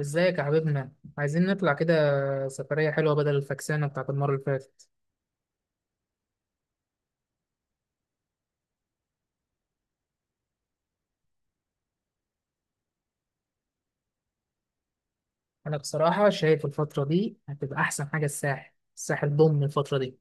ازيك يا حبيبنا؟ عايزين نطلع كده سفرية حلوة بدل الفكسانة بتاعت المرة اللي فاتت. أنا بصراحة شايف الفترة دي هتبقى أحسن حاجة. الساحل ضم الفترة دي.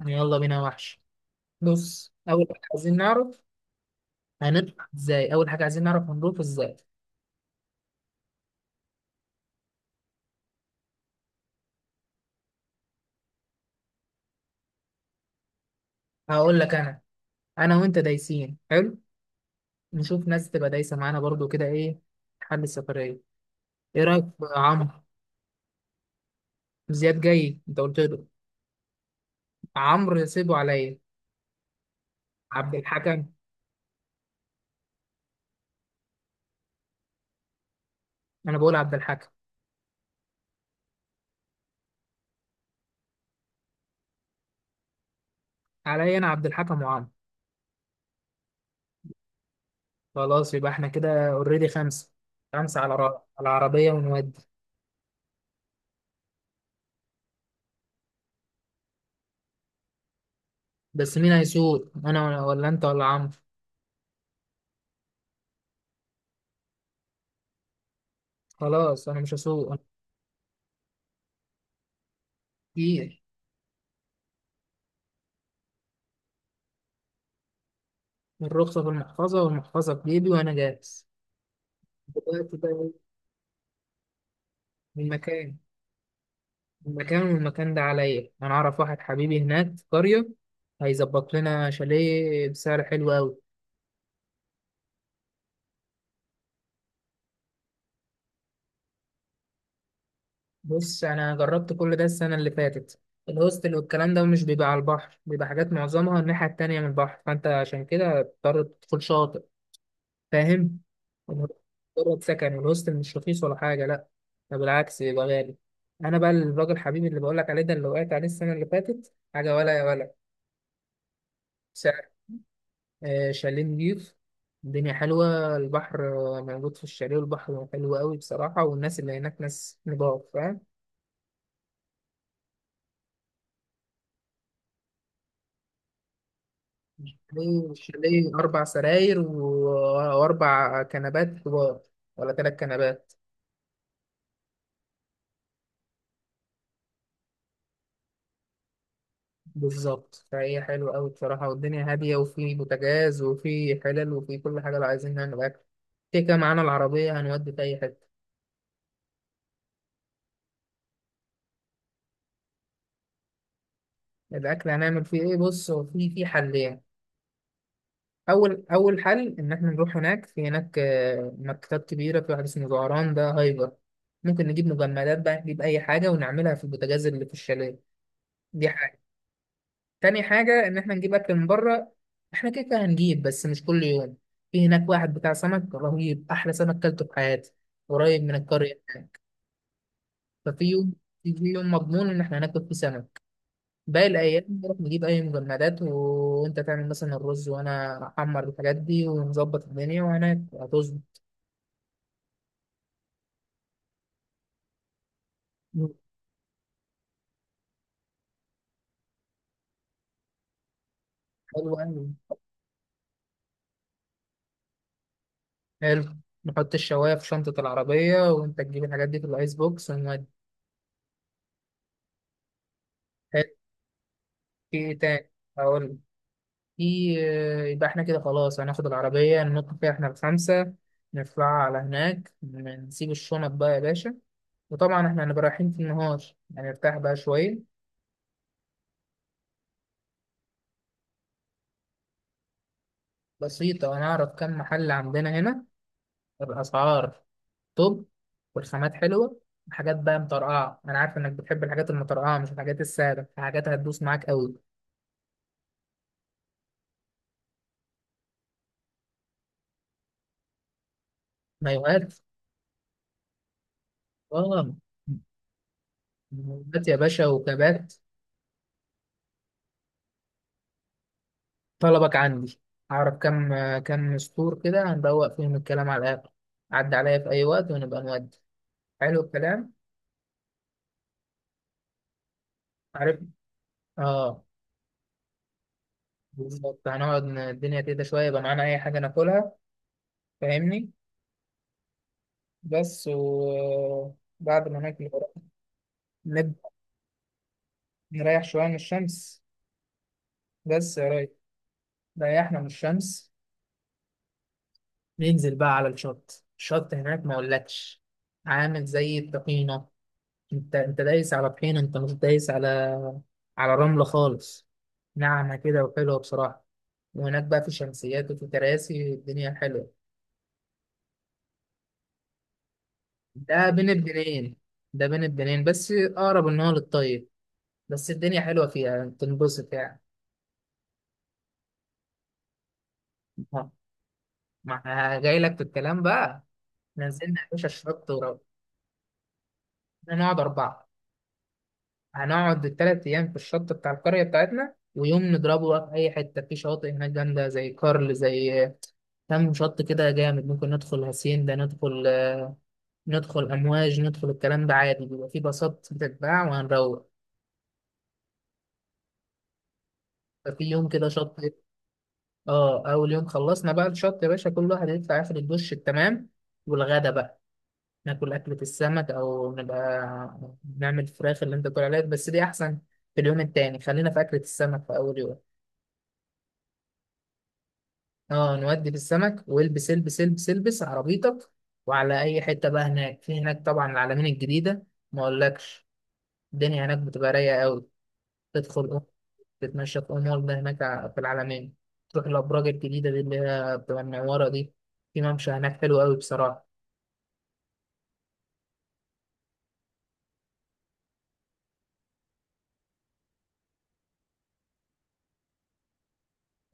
يعني يلا بينا يا وحش. بص، أول حاجة عايزين نعرف هنروح ازاي. هقول لك أنا. أنا وأنت دايسين حلو. نشوف ناس تبقى دايسة معانا برضو كده. إيه حل السفرية؟ إيه رأيك في عمرو؟ زياد جاي، أنت قلت له؟ عمرو سيبه عليا. عبد الحكم. أنا بقول عبد الحكم. عليا أنا، عبد الحكم وعمرو. خلاص يبقى احنا كده اوريدي خمسة. خمسة على را- على العربية ونودي. بس مين هيسوق، انا ولا انت ولا عمرو؟ خلاص انا مش هسوق انا كتير. الرخصة في المحفظة والمحفظة في جيبي وانا جاهز. دلوقتي بقى إيه؟ المكان. المكان ده عليا، انا اعرف واحد حبيبي هناك في قرية، هيظبط لنا شاليه بسعر حلو قوي. بص، انا جربت كل ده السنة اللي فاتت. الهوستل والكلام ده مش بيبقى على البحر، بيبقى حاجات معظمها الناحية التانية من البحر، فانت عشان كده بتضطر تدخل شاطئ. فاهم؟ مجرد سكن، والهوستل مش رخيص ولا حاجه، لا، ده بالعكس يبقى غالي. انا بقى الراجل حبيبي اللي بقول لك عليه ده، اللي وقعت عليه السنه اللي فاتت، حاجه ولا يا ولا سعر. آه شاليه نضيف، الدنيا حلوه، البحر موجود في الشاليه، والبحر حلو قوي بصراحه، والناس اللي هناك ناس نضاف. فاهم؟ ليه الشاليه اربع سراير واربع كنبات كبار، ولا ثلاث كنبات. بالظبط، فهي حلوة أوي بصراحة، والدنيا هادية، وفي بوتاجاز وفي حلل وفي كل حاجة لو عايزين نعمل أكل. كده كده معانا العربية هنودي في أي حتة. الأكل هنعمل فيه إيه؟ بص، هو في حلين. أول حل إن إحنا نروح هناك. في هناك مكتبات كبيرة، في واحد اسمه زهران، ده هايبر. ممكن نجيب مجمدات بقى، نجيب أي حاجة ونعملها في البوتاجاز اللي في الشاليه. دي حاجة. تاني حاجة إن إحنا نجيب أكل من بره. إحنا كده كده هنجيب بس مش كل يوم. في هناك واحد بتاع سمك رهيب، أحلى سمك كلته في حياتي، قريب من القرية. ففي يوم، في يوم مضمون إن إحنا هناكل فيه سمك. باقي الأيام نروح نجيب أي مجمدات، وأنت تعمل مثلا الرز، وأنا أحمر الحاجات دي، ونظبط الدنيا وهناك هتظبط. حلو أوي. حلو. نحط الشواية في شنطة العربية، وأنت تجيب الحاجات دي في الأيس بوكس ونودي. حلو. في إيه تاني؟ هقول. في يبقى احنا كده خلاص هناخد العربية، ننط فيها احنا الخمسة، نطلع على هناك، نسيب الشنط بقى يا باشا. وطبعا احنا هنبقى رايحين في النهار، هنرتاح بقى شوية. بسيطة، ونعرف كم محل عندنا هنا، الأسعار توب والخامات حلوة، حاجات بقى مطرقعة. أنا عارف إنك بتحب الحاجات المطرقعة مش الحاجات السادة، حاجات هتدوس معاك أوي. مايوهات. آه، مايوهات يا باشا وكبات. طلبك عندي. أعرف كم كم سطور كده هندوق فيهم الكلام على الآخر. عدى عليا في أي وقت ونبقى نودي. حلو الكلام. عارف؟ آه. بالظبط، هنقعد الدنيا كده شوية، يبقى معانا أي حاجة ناكلها. فاهمني؟ بس، وبعد ما ناكل الغدا نبدأ. نريح شوية من الشمس بس يا راجل. ريحنا من الشمس، ننزل بقى على الشط. الشط هناك ما أقولكش، عامل زي الطحينة. انت دايس على طحينه، انت مش دايس على رمله خالص، ناعمه كده وحلوه بصراحه. وهناك بقى في شمسيات وفي كراسي، الدنيا حلوه. ده بين البنين. بس اقرب ان هو للطيب، بس الدنيا حلوه فيها تنبسط يعني. ما جاي لك في الكلام بقى. نزلنا يا باشا الشط ورا. نقعد اربعه. هنقعد الـ 3 أيام في الشط بتاع القرية بتاعتنا، ويوم نضربه بقى في أي حتة في شواطئ هناك جامدة زي كارل، زي كام شط كده جامد. ممكن ندخل هاسين ده، ندخل ندخل أمواج، ندخل الكلام ده عادي، بيبقى في باصات بتتباع وهنروح. ففي يوم كده شط. اه، أول يوم خلصنا بقى الشط يا باشا، كل واحد يطلع ياخد الدش التمام، والغدا بقى ناكل أكلة السمك، أو نبقى نعمل فراخ اللي أنت بتقول عليها، بس دي أحسن في اليوم التاني. خلينا في أكلة السمك في أول يوم. اه، نودي في السمك، والبس البس البس البس عربيتك، وعلى اي حته بقى. هناك في هناك طبعا العلمين الجديده، ما اقولكش الدنيا هناك بتبقى رايقه قوي. تدخل تتمشى في امور ده، هناك في العلمين، تروح الابراج الجديده دي اللي هي بتبقى منوره دي. في ممشى هناك حلو قوي بصراحه.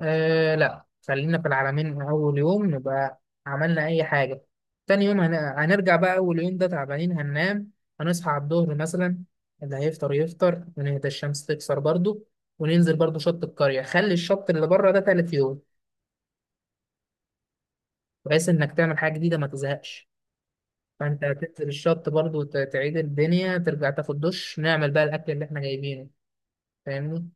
آه لا، خلينا في العلمين من أول يوم، نبقى عملنا أي حاجة. تاني يوم هنرجع بقى. أول يوم ده تعبانين، هننام، هنصحى على الظهر مثلا، اللي هيفطر يفطر، ونهدى الشمس تكسر برضو، وننزل برضو شط القرية. خلي الشط اللي بره ده تالت يوم، بحيث إنك تعمل حاجة جديدة ما تزهقش. فأنت هتنزل الشط برضو، تعيد الدنيا، ترجع تاخد دش، نعمل بقى الأكل اللي إحنا جايبينه. فاهمني؟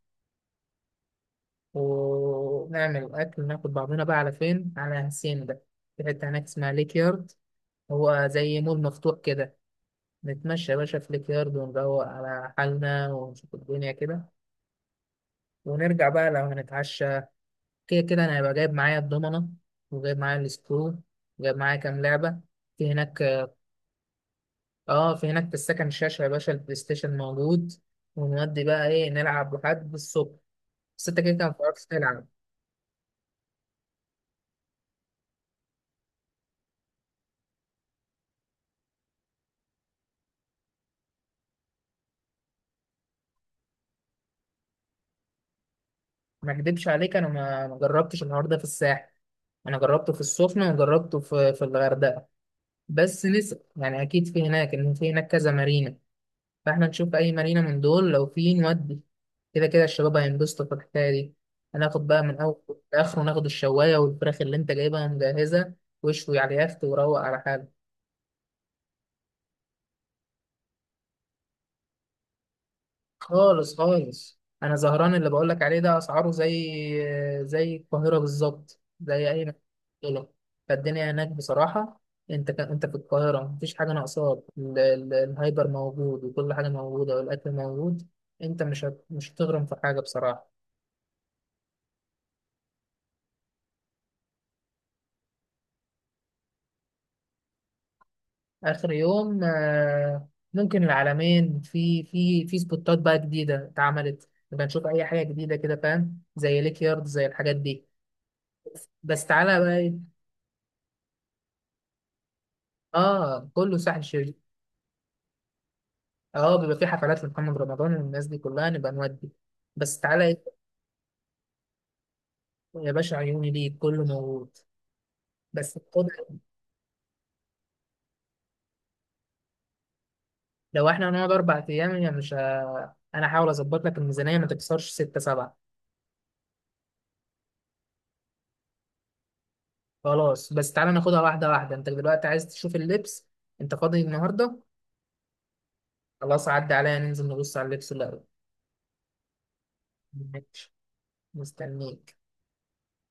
ونعمل أكل، ناخد بعضنا بقى على فين، على هاسين ده. في حتة هناك اسمها ليك يارد، هو زي مول مفتوح كده. نتمشى يا باشا في الكيارد، ونروق على حالنا، ونشوف الدنيا كده. ونرجع بقى لو هنتعشى. كده كده انا هيبقى جايب معايا الضمنة، وجايب معايا السكرو، وجايب معايا كام لعبة في هناك. اه، في هناك في السكن شاشة يا باشا، البلاي ستيشن موجود، ونودي بقى ايه، نلعب لحد الصبح. بس انت كده كده متعرفش تلعب. ما اكدبش عليك، انا ما جربتش النهارده ده في الساحل، انا جربته في السخنة وجربته في الغردقة. بس لسه يعني اكيد في هناك، ان في هناك كذا مارينا. فاحنا نشوف اي مارينا من دول لو في نودي. كده كده الشباب هينبسطوا في الحكايه دي. هناخد بقى من اول لاخره، ناخد الشوايه والفراخ اللي انت جايبها مجهزه، واشوي على اليخت وروق على حالك. خالص خالص، انا زهران اللي بقول لك عليه ده اسعاره زي زي القاهره بالظبط، زي اي مكان دولار. فالدنيا هناك بصراحه، انت انت في القاهره مفيش حاجه ناقصاك، الهايبر موجود وكل حاجه موجوده والاكل موجود. انت مش هتغرم في حاجه بصراحه. اخر يوم ممكن العلمين، في في سبوتات بقى جديده اتعملت، نبقى نشوف اي حاجه جديده كده، فاهم؟ زي ليك يارد زي الحاجات دي. بس تعالى بقى إيه؟ اه كله ساحل شرير. اه، بيبقى في حفلات لمحمد رمضان والناس دي كلها، نبقى نودي. بس تعالى إيه؟ يا باشا عيوني ليك، كله موجود. بس خد، لو احنا هنقعد 4 ايام يعني مش ه- انا هحاول اظبط لك الميزانيه ما تكسرش ستة سبعة. خلاص بس تعالى، ناخدها واحده واحده. انت دلوقتي عايز تشوف اللبس. انت فاضي النهارده؟ خلاص، عدى عليا ننزل نبص على اللبس الأول. ماشي، مستنيك.